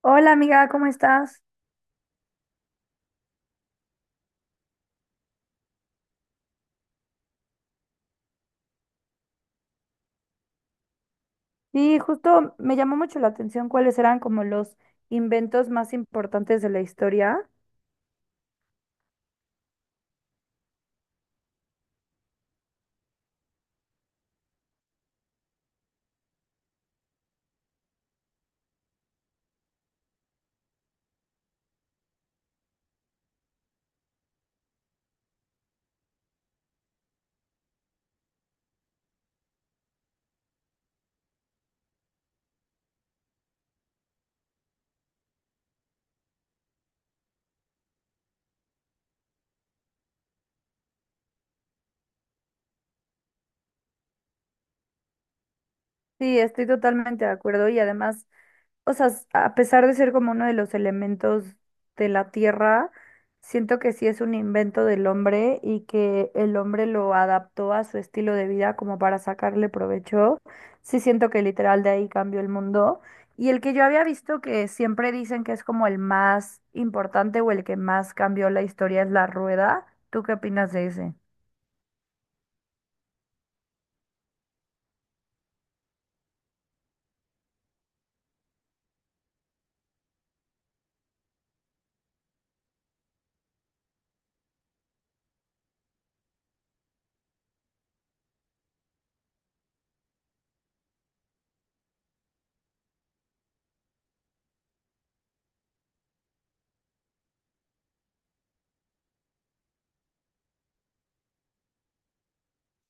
Hola amiga, ¿cómo estás? Sí, justo me llamó mucho la atención cuáles eran como los inventos más importantes de la historia. Sí, estoy totalmente de acuerdo y además o sea, a pesar de ser como uno de los elementos de la tierra, siento que sí es un invento del hombre y que el hombre lo adaptó a su estilo de vida como para sacarle provecho. Sí, siento que literal de ahí cambió el mundo. Y el que yo había visto que siempre dicen que es como el más importante o el que más cambió la historia es la rueda. ¿Tú qué opinas de ese?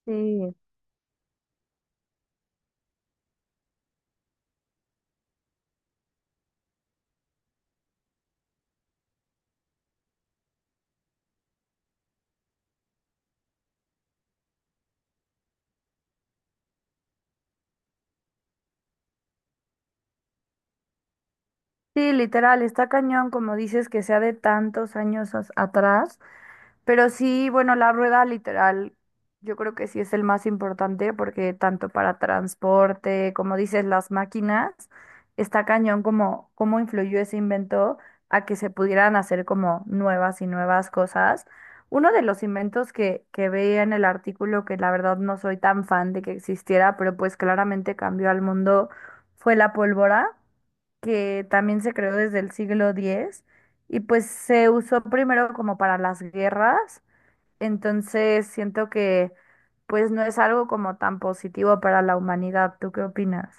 Sí. Sí, literal, está cañón, como dices, que sea de tantos atrás. Pero sí, bueno, la rueda literal, yo creo que sí es el más importante porque tanto para transporte, como dices, las máquinas, está cañón como cómo influyó ese invento a que se pudieran hacer como nuevas y nuevas cosas. Uno de los inventos que veía en el artículo, que la verdad no soy tan fan de que existiera, pero pues claramente cambió al mundo, fue la pólvora que también se creó desde el siglo X y pues se usó primero como para las guerras, entonces siento que pues no es algo como tan positivo para la humanidad. ¿Tú qué opinas?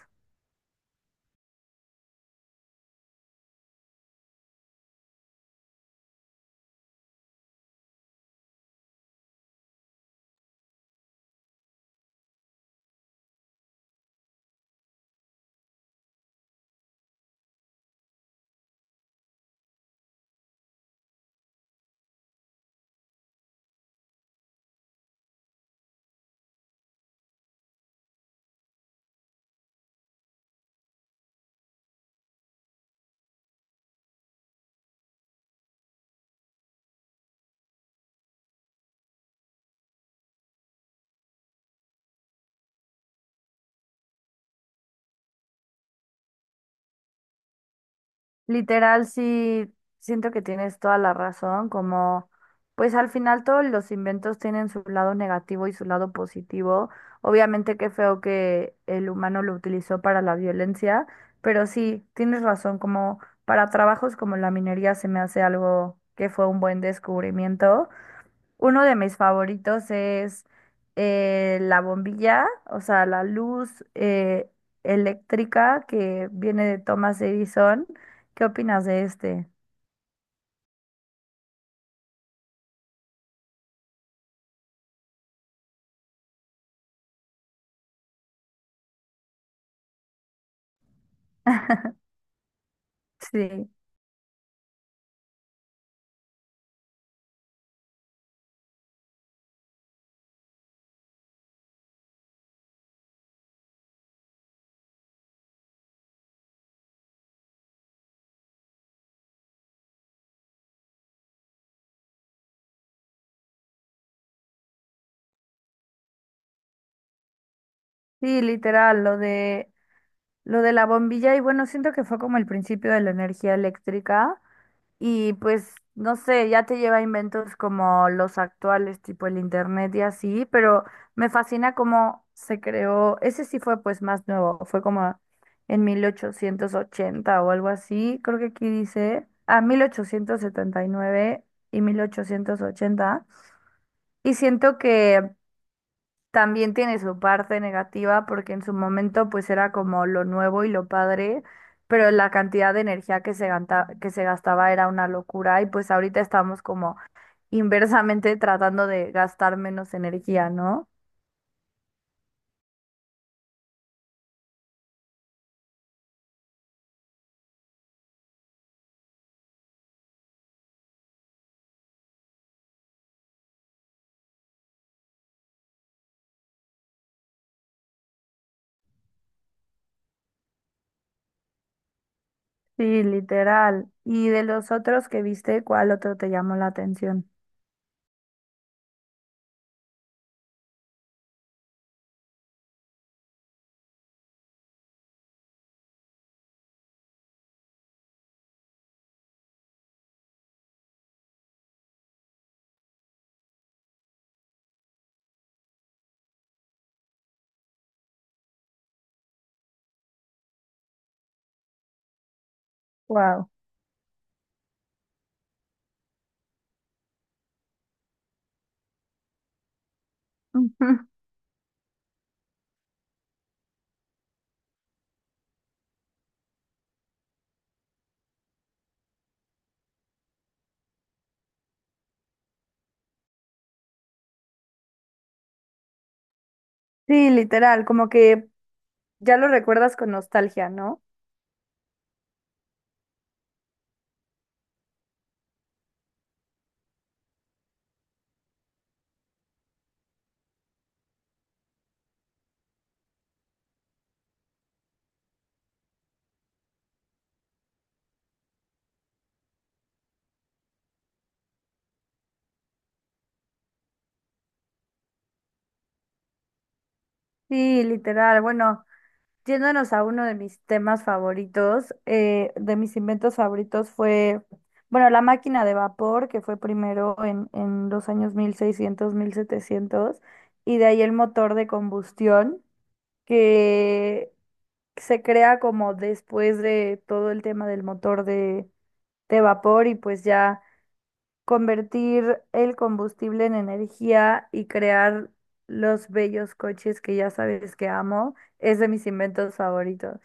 Literal, sí, siento que tienes toda la razón, como pues al final todos los inventos tienen su lado negativo y su lado positivo. Obviamente qué feo que el humano lo utilizó para la violencia, pero sí, tienes razón, como para trabajos como la minería se me hace algo que fue un buen descubrimiento. Uno de mis favoritos es la bombilla, o sea, la luz eléctrica que viene de Thomas Edison. ¿Qué opinas de este? Sí, sí, literal, lo de la bombilla y bueno, siento que fue como el principio de la energía eléctrica. Y pues, no sé, ya te lleva a inventos como los actuales, tipo el internet y así, pero me fascina cómo se creó. Ese sí fue pues más nuevo, fue como en 1880 o algo así, creo que aquí dice, a 1879 y 1880. Y siento que también tiene su parte negativa porque en su momento pues era como lo nuevo y lo padre, pero la cantidad de energía que que se gastaba era una locura y pues ahorita estamos como inversamente tratando de gastar menos energía, ¿no? Sí, literal. ¿Y de los otros que viste, cuál otro te llamó la atención? Wow. Sí, literal, como que ya lo recuerdas con nostalgia, ¿no? Sí, literal. Bueno. Yéndonos a uno de mis temas favoritos, de mis inventos favoritos fue, bueno, la máquina de vapor, que fue primero en los años 1600, 1700, y de ahí el motor de combustión, que se crea como después de todo el tema del motor de vapor y pues ya convertir el combustible en energía y crear los bellos coches que ya sabes que amo. Es de mis inventos favoritos.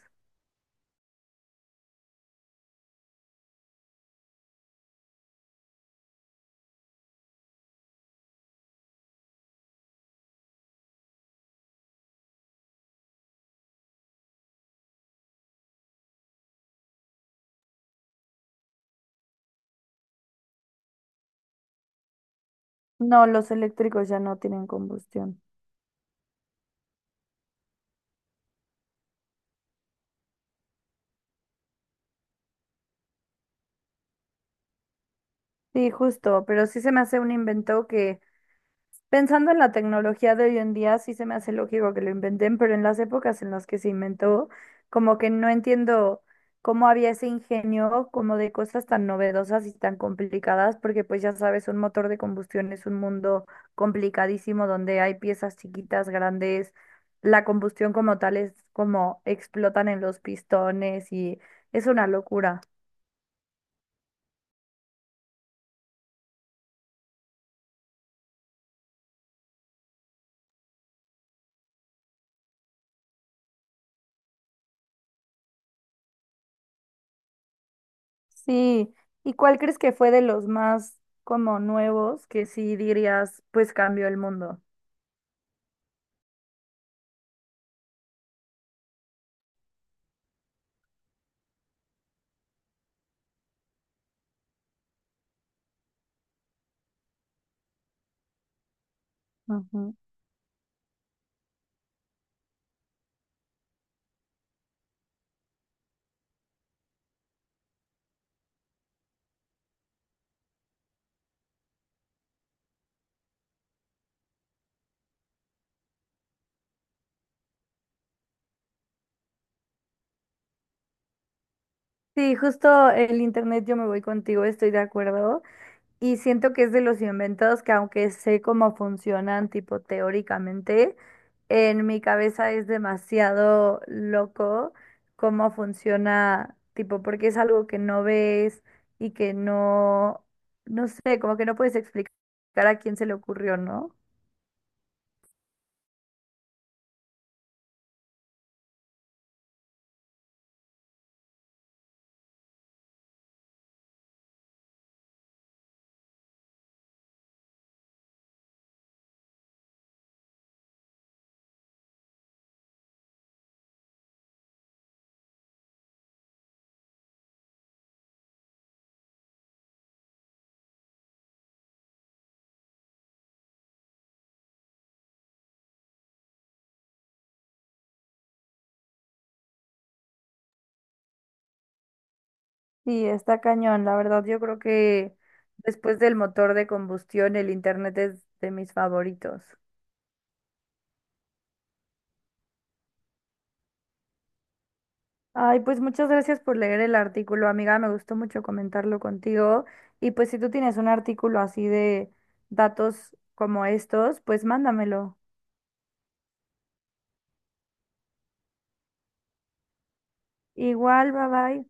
No, los eléctricos ya no tienen combustión. Sí, justo, pero sí se me hace un invento que, pensando en la tecnología de hoy en día, sí se me hace lógico que lo inventen, pero en las épocas en las que se inventó, como que no entiendo cómo había ese ingenio como de cosas tan novedosas y tan complicadas, porque pues ya sabes, un motor de combustión es un mundo complicadísimo donde hay piezas chiquitas, grandes, la combustión como tal es como explotan en los pistones y es una locura. Sí, ¿y cuál crees que fue de los más como nuevos que sí dirías, pues cambió el mundo? Ujú. Sí, justo el internet yo me voy contigo, estoy de acuerdo. Y siento que es de los inventos que aunque sé cómo funcionan, tipo teóricamente, en mi cabeza es demasiado loco cómo funciona, tipo, porque es algo que no ves y que no, no sé, como que no puedes explicar a quién se le ocurrió, ¿no? Sí, está cañón. La verdad, yo creo que después del motor de combustión, el internet es de mis favoritos. Ay, pues muchas gracias por leer el artículo, amiga. Me gustó mucho comentarlo contigo. Y pues si tú tienes un artículo así de datos como estos, pues mándamelo. Igual, bye bye.